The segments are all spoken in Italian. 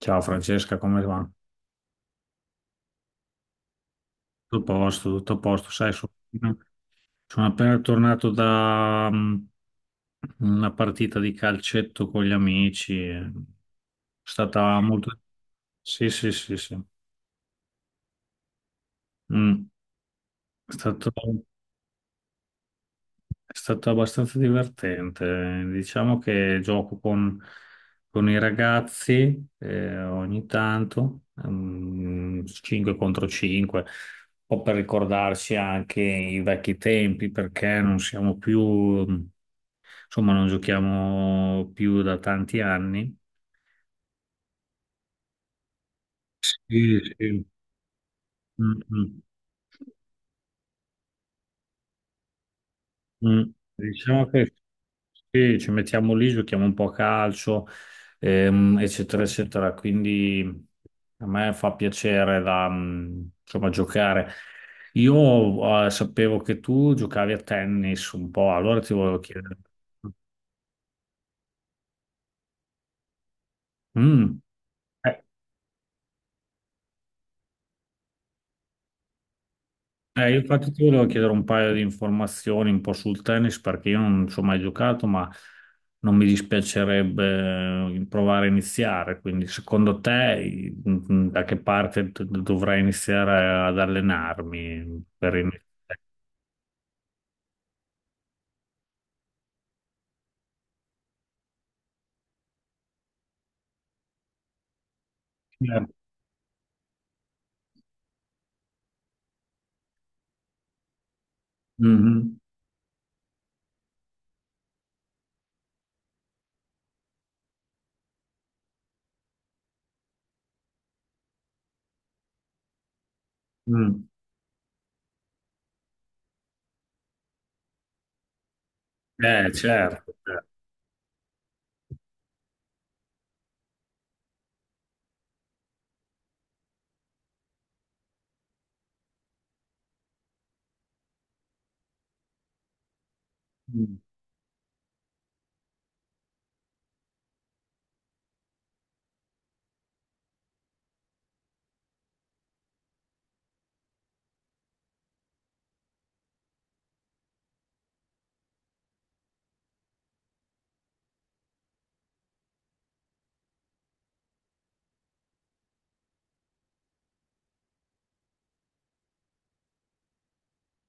Ciao Francesca, come va? Tutto a posto, tutto a posto. Sai, sono appena tornato da una partita di calcetto con gli amici. È stata molto. Sì, sì, sì, sì. Mm. È stato... È stato abbastanza divertente. Diciamo che gioco con i ragazzi ogni tanto, 5 contro 5, un po' per ricordarci anche i vecchi tempi, perché non siamo più, insomma, non giochiamo più da tanti anni. Sì, sì. Mm, mm. Mm. Diciamo che sì, ci mettiamo lì, giochiamo un po' a calcio, eccetera, eccetera. Quindi a me fa piacere insomma, giocare. Io sapevo che tu giocavi a tennis un po', allora ti volevo chiedere. Mm. Io infatti ti volevo chiedere un paio di informazioni un po' sul tennis perché io non ci ho mai giocato, ma non mi dispiacerebbe provare a iniziare. Quindi, secondo te, da che parte dovrei iniziare ad allenarmi per iniziare? Mhm. Mm. Certo. Certo. Mm.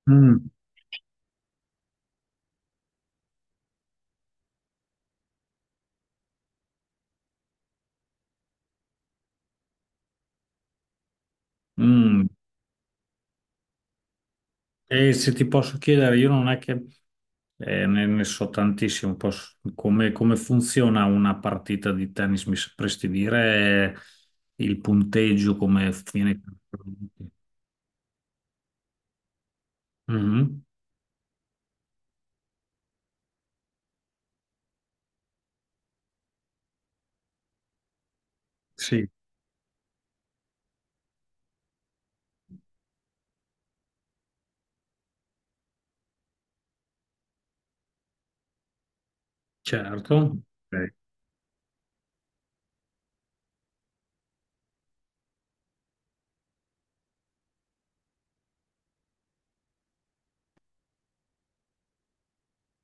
Mm. Mm. E se ti posso chiedere, io non è che ne so tantissimo, come funziona una partita di tennis? Mi sapresti dire il punteggio, come viene? Mhm. Sì, certo. Ok.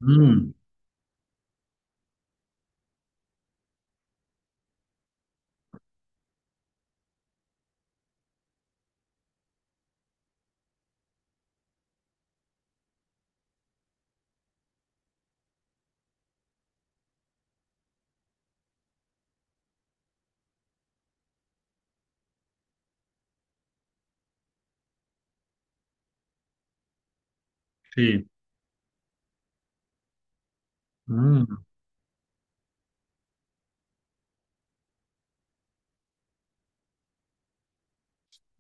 Mm, sì. Mm,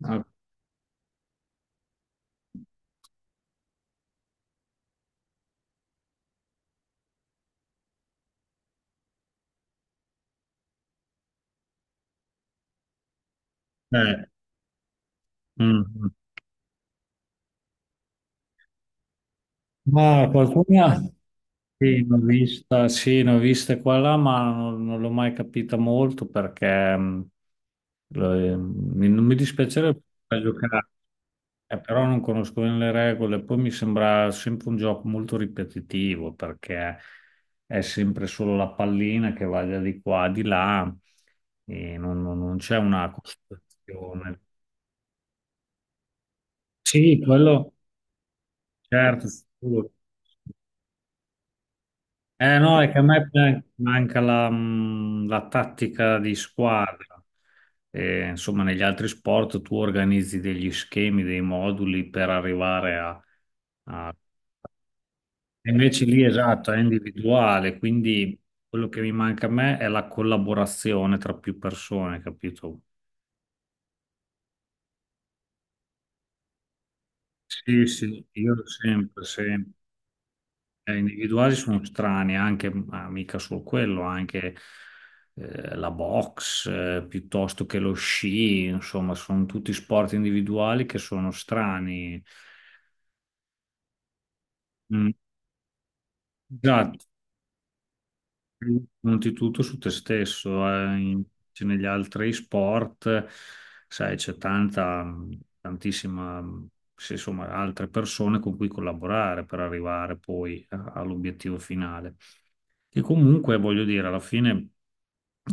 ok. Mm. Ma qualcuna sì, ne ho vista, sì, ne ho viste qua e là, ma non, non l'ho mai capita molto. Non mi dispiacerebbe giocare, però non conosco bene le regole. Poi mi sembra sempre un gioco molto ripetitivo perché è sempre solo la pallina che va di qua, di là e non c'è una costruzione. Sì, quello certo, sicuro. Eh no, è che a me manca la tattica di squadra. E, insomma, negli altri sport tu organizzi degli schemi, dei moduli per arrivare a- e invece lì, esatto, è individuale, quindi quello che mi manca a me è la collaborazione tra più persone, capito? Sì, sì, io sempre, sempre. Individuali sono strani, anche, ma mica solo quello, anche la box, piuttosto che lo sci, insomma, sono tutti sport individuali che sono strani. Mm, esatto, conti tutto su te stesso, cioè, negli altri sport, sai, c'è tanta, tantissima, sì, insomma, altre persone con cui collaborare per arrivare poi all'obiettivo finale. Che comunque voglio dire, alla fine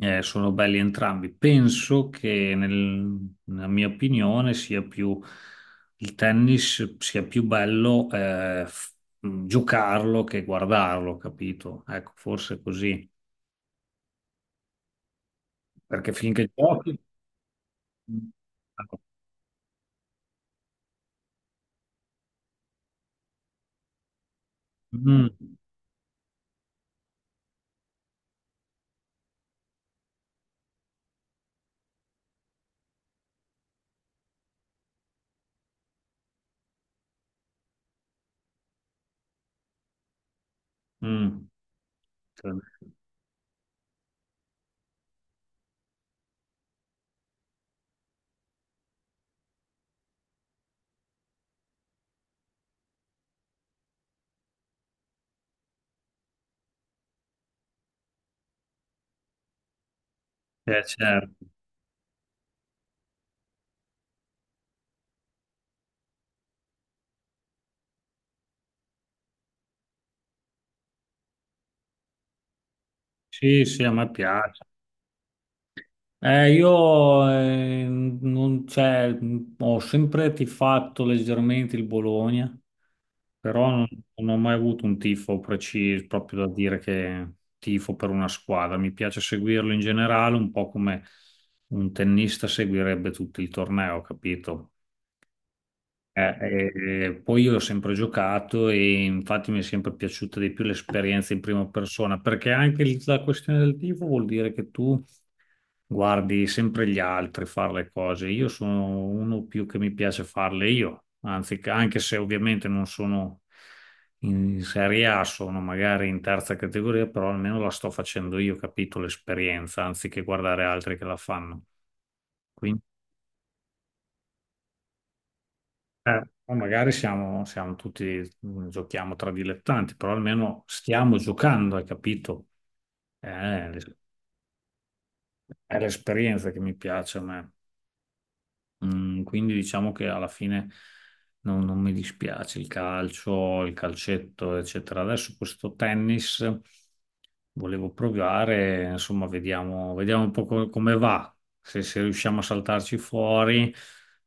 sono belli entrambi. Penso che nella mia opinione sia più il tennis sia più bello giocarlo che guardarlo, capito? Ecco, forse è così, perché finché giochi. Mm, mm. mm, cioè, eh, certo. Sì, sì, a me piace. Io non, cioè, ho sempre tifato leggermente il Bologna, però non ho mai avuto un tifo preciso, proprio da dire che tifo per una squadra. Mi piace seguirlo in generale, un po' come un tennista seguirebbe tutto il torneo, capito? Eh, Poi io ho sempre giocato e infatti mi è sempre piaciuta di più l'esperienza in prima persona, perché anche la questione del tifo vuol dire che tu guardi sempre gli altri fare le cose. Io sono uno più che mi piace farle io, anzi, anche se ovviamente non sono in Serie A, sono magari in terza categoria, però almeno la sto facendo io, capito l'esperienza, anziché guardare altri che la fanno. Quindi, poi magari siamo, tutti, giochiamo tra dilettanti, però almeno stiamo giocando, hai capito? Eh, l'es- è l'esperienza che mi piace a me. Mm, quindi diciamo che alla fine non mi dispiace il calcio, il calcetto, eccetera. Adesso questo tennis volevo provare, insomma, vediamo, vediamo un po' come va, se riusciamo a saltarci fuori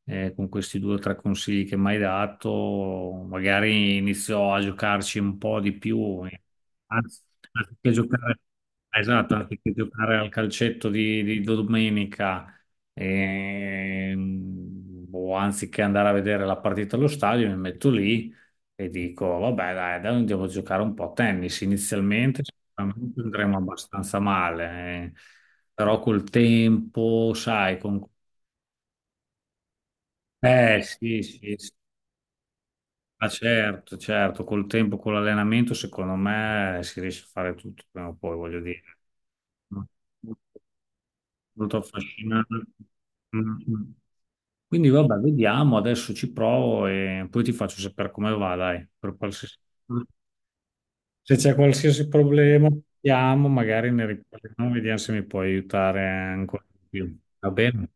con questi due o tre consigli che mi hai dato, magari inizio a giocarci un po' di più, eh. Anzi, anziché giocare, esatto, anziché giocare al calcetto di domenica e, o anziché andare a vedere la partita allo stadio, mi metto lì e dico, vabbè, dai, dai, andiamo a giocare un po' a tennis. Inizialmente sicuramente andremo abbastanza male, eh, però col tempo, sai, con. Eh sì, sì, sì. Ah, certo, certo, col tempo, con l'allenamento, secondo me si riesce a fare tutto prima o poi, voglio dire. Molto affascinante. Mm, mm. Quindi vabbè, vediamo, adesso ci provo e poi ti faccio sapere come va, dai, per qualsiasi. Se c'è qualsiasi problema, vediamo, magari ne riparliamo, vediamo se mi puoi aiutare ancora di più. Va bene?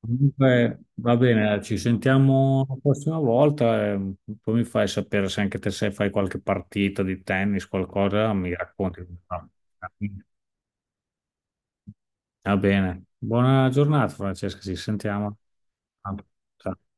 Comunque, va bene, ci sentiamo la prossima volta e poi mi fai sapere se anche te se fai qualche partita di tennis, qualcosa, mi racconti. Come fa. Va bene. Buona giornata, Francesca, ci sentiamo. Ciao.